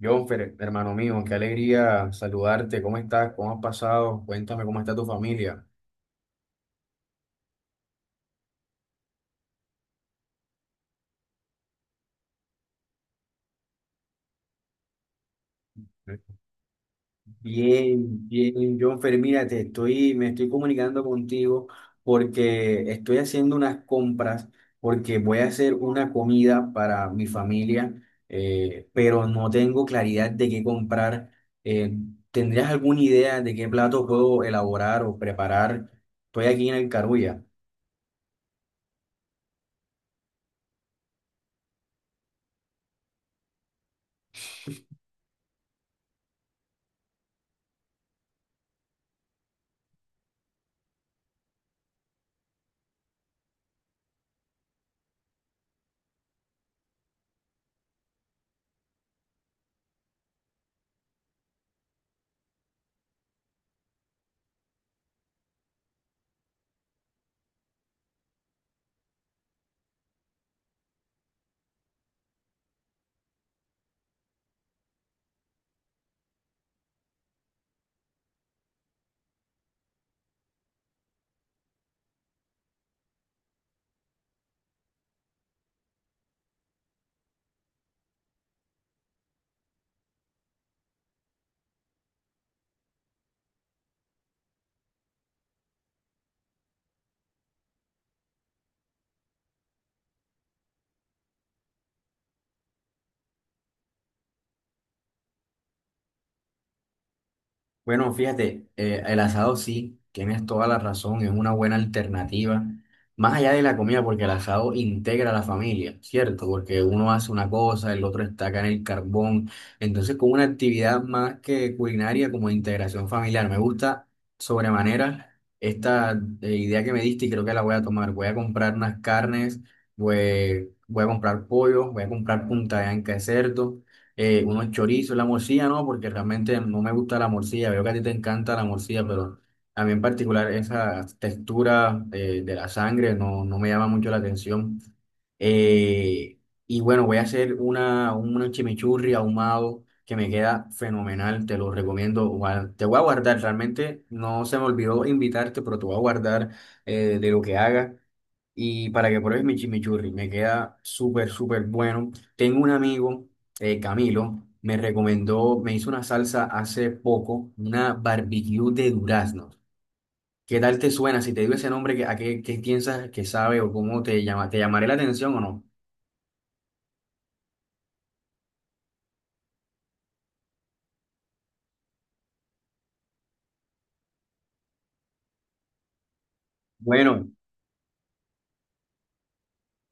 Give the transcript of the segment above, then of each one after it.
Jonfer, hermano mío, qué alegría saludarte. ¿Cómo estás? ¿Cómo has pasado? Cuéntame cómo está tu familia. Bien, bien, Jonfer, mira, me estoy comunicando contigo porque estoy haciendo unas compras, porque voy a hacer una comida para mi familia, pero no tengo claridad de qué comprar. Eh, ¿Tendrías alguna idea de qué plato puedo elaborar o preparar? Estoy aquí en el Carulla. Bueno, fíjate, el asado sí, tienes toda la razón, es una buena alternativa, más allá de la comida, porque el asado integra a la familia, ¿cierto? Porque uno hace una cosa, el otro está acá en el carbón, entonces con una actividad más que culinaria como de integración familiar, me gusta sobremanera esta idea que me diste y creo que la voy a tomar, voy a comprar unas carnes, voy a comprar pollo, voy a comprar punta de anca de cerdo, unos chorizos, la morcilla no, porque realmente no me gusta la morcilla, veo que a ti te encanta la morcilla, pero a mí en particular esa textura, de la sangre no, no me llama mucho la atención. Eh, y bueno, voy a hacer un chimichurri ahumado que me queda fenomenal, te lo recomiendo. Te voy a guardar, realmente no se me olvidó invitarte, pero te voy a guardar, de lo que haga. Y para que pruebes mi chimichurri, me queda súper, súper bueno. Tengo un amigo, Camilo, me recomendó, me hizo una salsa hace poco, una barbecue de duraznos. ¿Qué tal te suena? Si te digo ese nombre, ¿a qué, qué piensas que sabe o cómo te llama? ¿Te llamaré la atención o no? Bueno,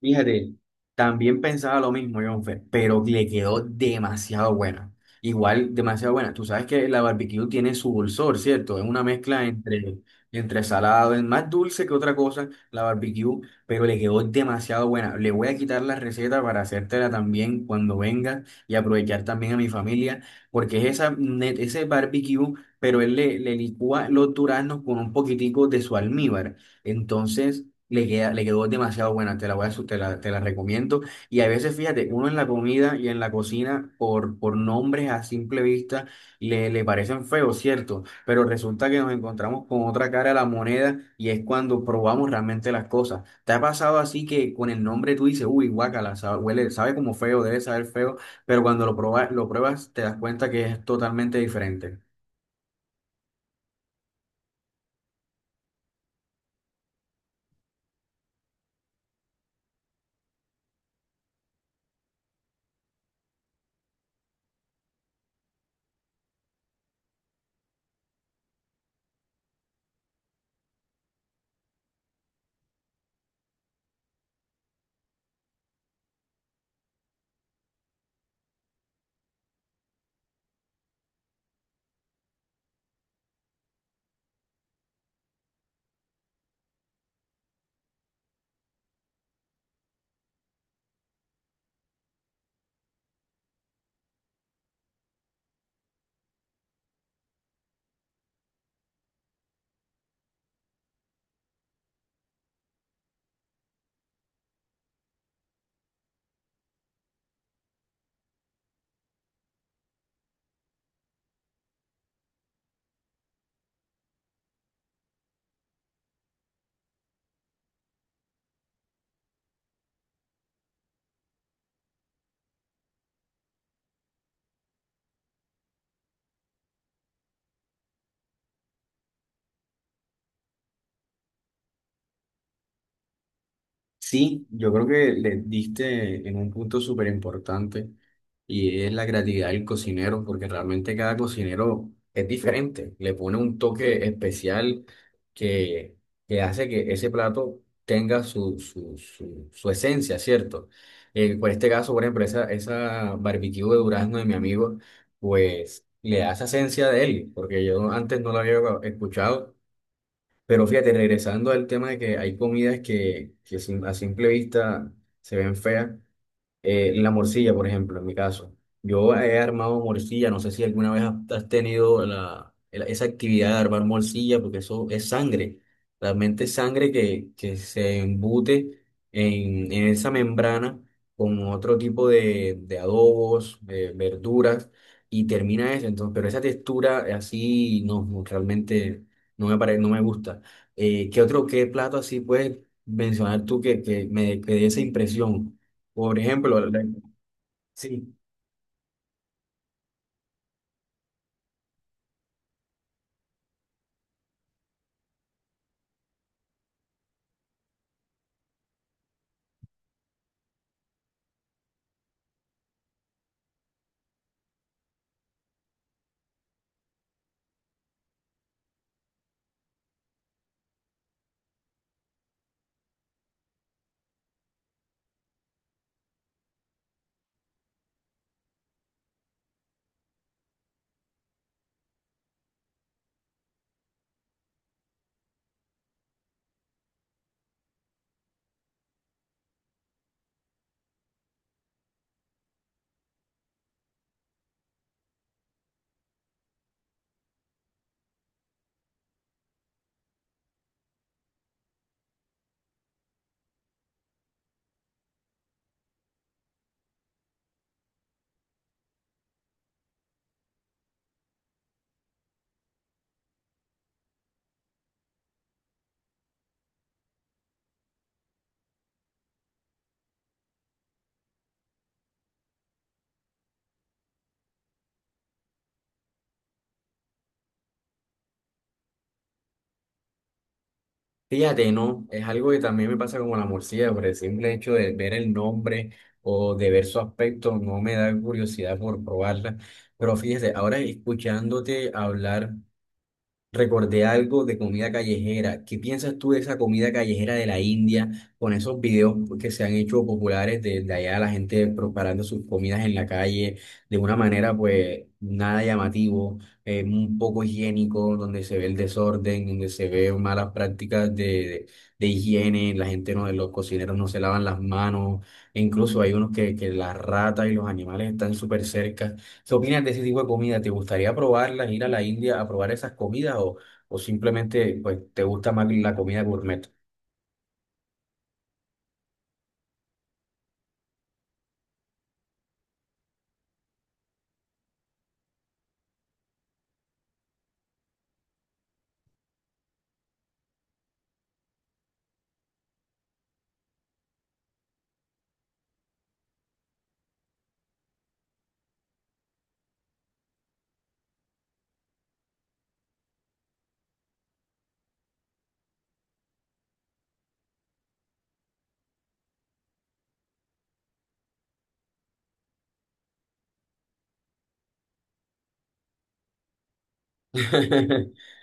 fíjate, también pensaba lo mismo, Jonfer, pero le quedó demasiado buena. Igual, demasiado buena. Tú sabes que la barbecue tiene su dulzor, ¿cierto? Es una mezcla entre salado, es más dulce que otra cosa, la barbecue, pero le quedó demasiado buena. Le voy a quitar la receta para hacértela también cuando venga y aprovechar también a mi familia, porque es esa, ese barbecue, pero le licúa los duraznos con un poquitico de su almíbar. Entonces le quedó demasiado buena, te la voy a, su- te la recomiendo. Y a veces, fíjate, uno en la comida y en la cocina, por nombres a simple vista, le parecen feos, ¿cierto? Pero resulta que nos encontramos con otra cara a la moneda y es cuando probamos realmente las cosas. ¿Te ha pasado así que con el nombre tú dices, uy, guácala, sabe, huele, sabe como feo, debe saber feo, pero cuando lo pruebas te das cuenta que es totalmente diferente? Sí, yo creo que le diste en un punto súper importante y es la creatividad del cocinero, porque realmente cada cocinero es diferente, le pone un toque especial que, que hace que ese plato tenga su esencia, ¿cierto? Por este caso, por ejemplo, esa barbecue de durazno de mi amigo, pues le da esa esencia de él, porque yo antes no lo había escuchado. Pero fíjate, regresando al tema de que hay comidas que a simple vista se ven feas, la morcilla, por ejemplo, en mi caso. Yo he armado morcilla, no sé si alguna vez has tenido esa actividad de armar morcilla, porque eso es sangre, realmente es sangre que se embute en esa membrana con otro tipo de adobos, verduras, y termina eso. Entonces, pero esa textura así no, no, realmente no me gusta. ¿Qué plato así puedes mencionar tú que dé esa impresión? Por ejemplo, sí, fíjate, ¿no? Es algo que también me pasa como la morcilla, por el simple hecho de ver el nombre o de ver su aspecto, no me da curiosidad por probarla. Pero fíjate, ahora escuchándote hablar recordé algo de comida callejera. ¿Qué piensas tú de esa comida callejera de la India con esos videos que se han hecho populares de allá, la gente preparando sus comidas en la calle de una manera pues nada llamativo, un poco higiénico, donde se ve el desorden, donde se ve malas prácticas de higiene, la gente no, los cocineros no se lavan las manos, e incluso hay unos que las ratas y los animales están súper cerca. ¿Qué opinas de ese tipo de comida? ¿Te gustaría probarlas, ir a la India a probar esas comidas o simplemente pues, te gusta más la comida gourmet?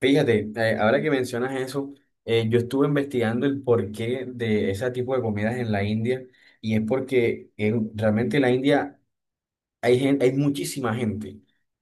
Fíjate, ahora que mencionas eso, yo estuve investigando el porqué de ese tipo de comidas en la India y es porque realmente la India hay gente, hay muchísima gente.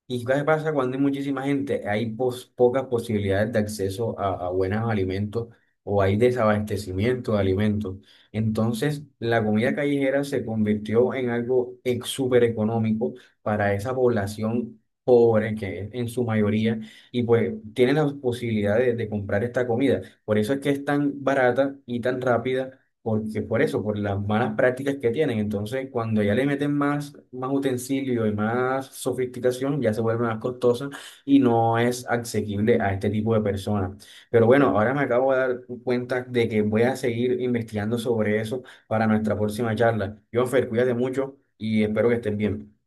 ¿Y qué pasa cuando hay muchísima gente? Hay pocas posibilidades de acceso a buenos alimentos o hay desabastecimiento de alimentos. Entonces, la comida callejera se convirtió en algo súper económico para esa población pobre que es en su mayoría y pues tienen las posibilidades de comprar esta comida. Por eso es que es tan barata y tan rápida porque por eso, por las malas prácticas que tienen. Entonces, cuando ya le meten más utensilio y más sofisticación, ya se vuelve más costosa y no es asequible a este tipo de personas. Pero bueno, ahora me acabo de dar cuenta de que voy a seguir investigando sobre eso para nuestra próxima charla. Jonfer, cuídate mucho y espero que estés bien.